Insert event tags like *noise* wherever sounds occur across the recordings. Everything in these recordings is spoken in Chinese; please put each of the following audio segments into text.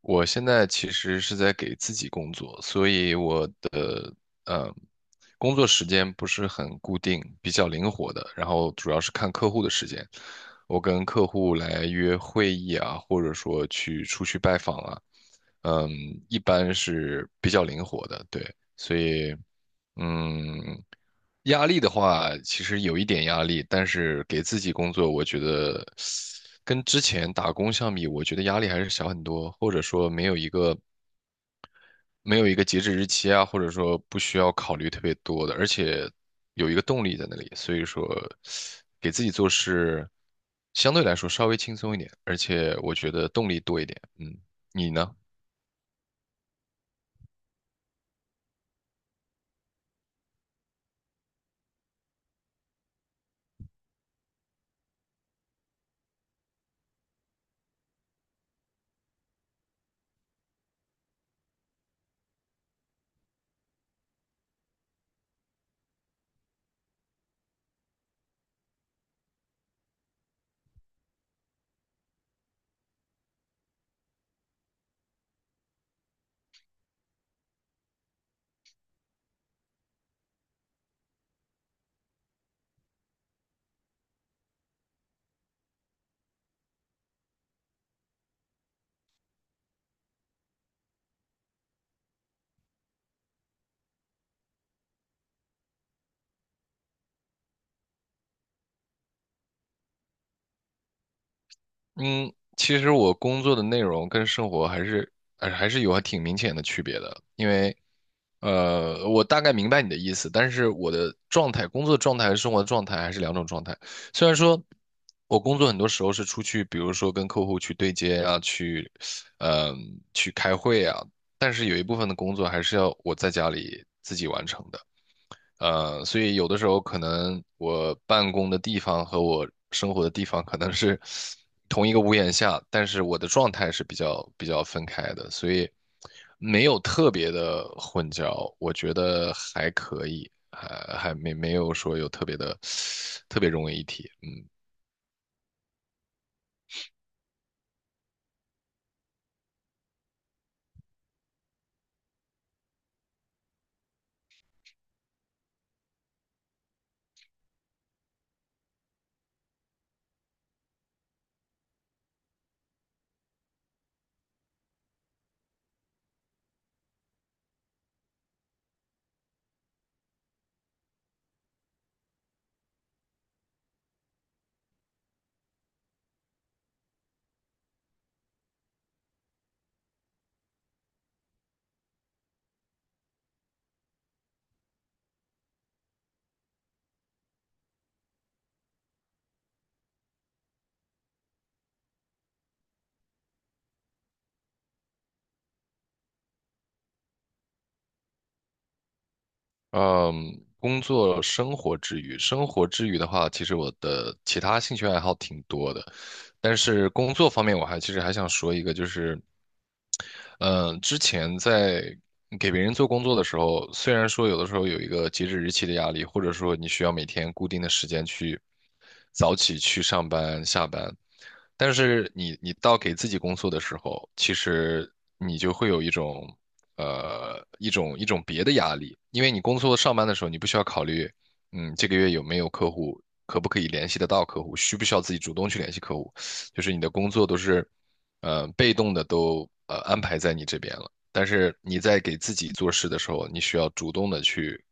我现在其实是在给自己工作，所以我的呃工作时间不是很固定，比较灵活的。然后主要是看客户的时间，我跟客户来约会议啊，或者说去出去拜访啊，嗯，一般是比较灵活的，对。所以，嗯，压力的话，其实有一点压力，但是给自己工作，我觉得跟之前打工相比，我觉得压力还是小很多，或者说没有一个截止日期啊，或者说不需要考虑特别多的，而且有一个动力在那里，所以说给自己做事相对来说稍微轻松一点，而且我觉得动力多一点。嗯，你呢？嗯，其实我工作的内容跟生活还是有还挺明显的区别的，因为我大概明白你的意思，但是我的状态、工作状态和生活状态还是两种状态。虽然说我工作很多时候是出去，比如说跟客户去对接啊，去去开会啊，但是有一部分的工作还是要我在家里自己完成的。所以有的时候可能我办公的地方和我生活的地方可能是 *laughs* 同一个屋檐下，但是我的状态是比较分开的，所以没有特别的混淆，我觉得还可以，还还没没有说有特别的特别融为一体。嗯，工作生活之余，生活之余的话，其实我的其他兴趣爱好挺多的，但是工作方面其实还想说一个，就是嗯，之前在给别人做工作的时候，虽然说有的时候有一个截止日期的压力，或者说你需要每天固定的时间去早起去上班下班，但是你到给自己工作的时候，其实你就会有一种一种别的压力，因为你工作上班的时候，你不需要考虑，嗯，这个月有没有客户，可不可以联系得到客户，需不需要自己主动去联系客户，就是你的工作都是。被动的都安排在你这边了。但是你在给自己做事的时候，你需要主动的去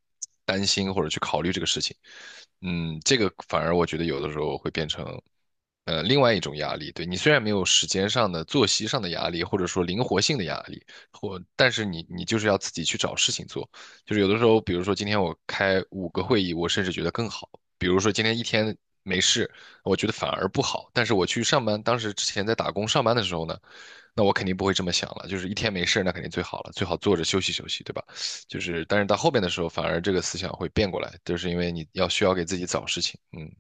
担心或者去考虑这个事情。嗯，这个反而我觉得有的时候会变成，另外一种压力。对，你虽然没有时间上的、作息上的压力，或者说灵活性的压力，或但是你就是要自己去找事情做。就是有的时候，比如说今天我开五个会议，我甚至觉得更好。比如说今天一天没事，我觉得反而不好。但是我去上班，当时之前在打工上班的时候呢，那我肯定不会这么想了，就是一天没事儿那肯定最好了，最好坐着休息休息，对吧？就是，但是到后边的时候，反而这个思想会变过来，就是因为你要需要给自己找事情，嗯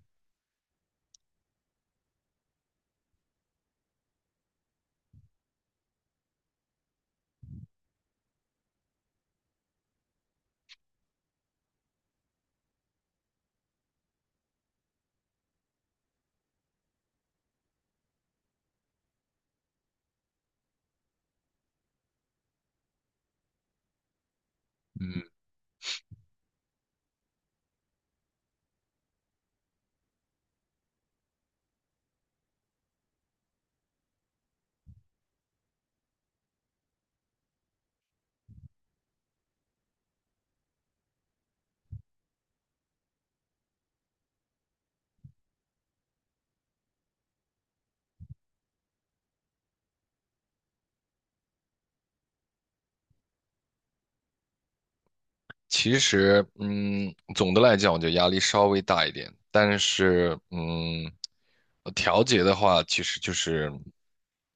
嗯。其实，嗯，总的来讲，我觉得压力稍微大一点，但是，嗯，调节的话，其实就是，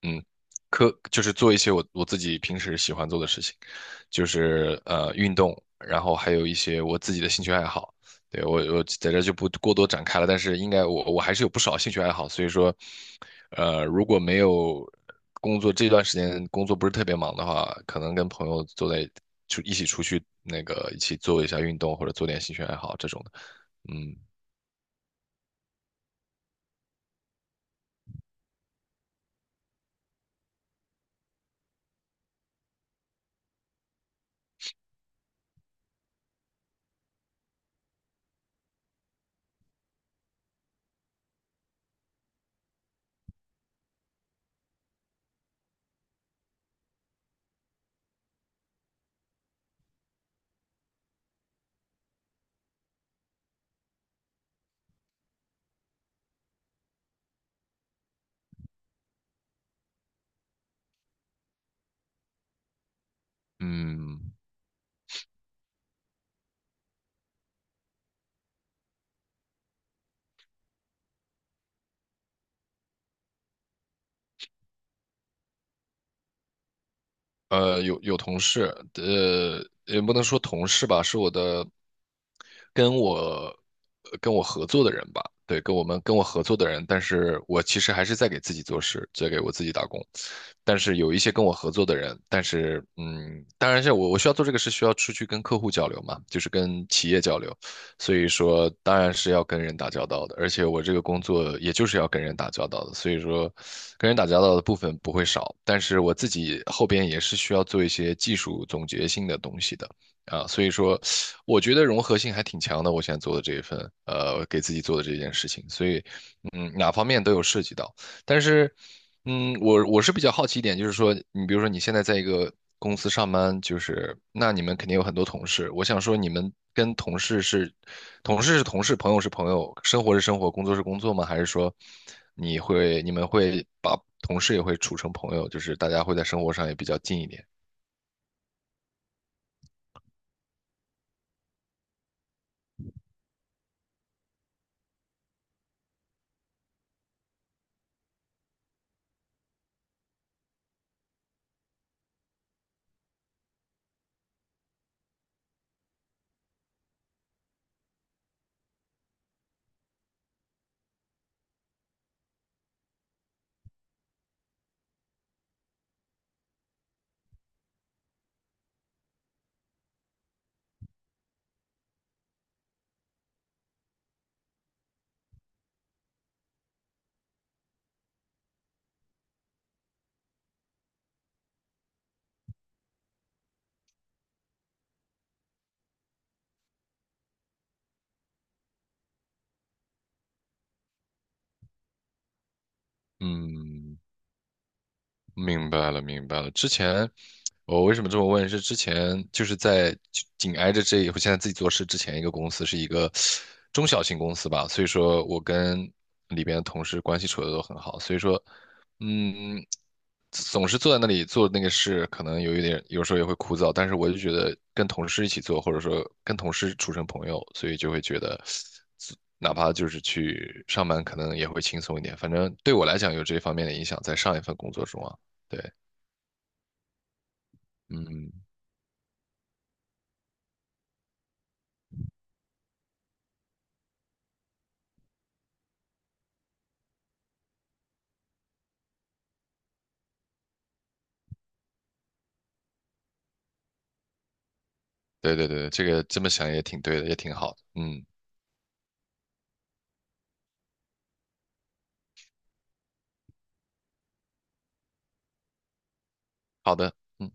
嗯，就是做一些我自己平时喜欢做的事情，就是运动，然后还有一些我自己的兴趣爱好。对，我在这就不过多展开了，但是应该我还是有不少兴趣爱好，所以说，如果没有工作这段时间工作不是特别忙的话，可能跟朋友坐在就一起出去那个一起做一下运动或者做点兴趣爱好这种的，嗯嗯，有同事，也不能说同事吧，是我的跟我合作的人吧，对，跟我合作的人，但是我其实还是在给自己做事，在给我自己打工。但是有一些跟我合作的人，但是嗯，当然是我需要做这个事，需要出去跟客户交流嘛，就是跟企业交流。所以说当然是要跟人打交道的，而且我这个工作也就是要跟人打交道的，所以说跟人打交道的部分不会少，但是我自己后边也是需要做一些技术总结性的东西的。啊，所以说，我觉得融合性还挺强的。我现在做的这一份，给自己做的这件事情，所以，嗯，哪方面都有涉及到。但是，嗯，我是比较好奇一点，就是说，你比如说你现在在一个公司上班，就是那你们肯定有很多同事。我想说，你们跟同事是同事，朋友是朋友，生活是生活，工作是工作吗？还是说你们会把同事也会处成朋友，就是大家会在生活上也比较近一点？嗯明白了，明白了。之前我为什么这么问？是之前就是在就紧挨着这一，我现在自己做事之前一个公司是一个中小型公司吧，所以说我跟里边的同事关系处的都很好，所以说，嗯，总是坐在那里做那个事，可能有一点，有时候也会枯燥，但是我就觉得跟同事一起做，或者说跟同事处成朋友，所以就会觉得。哪怕就是去上班，可能也会轻松一点。反正对我来讲，有这方面的影响，在上一份工作中啊。对，嗯，对对对，这个这么想也挺对的，也挺好的，嗯，好的。嗯。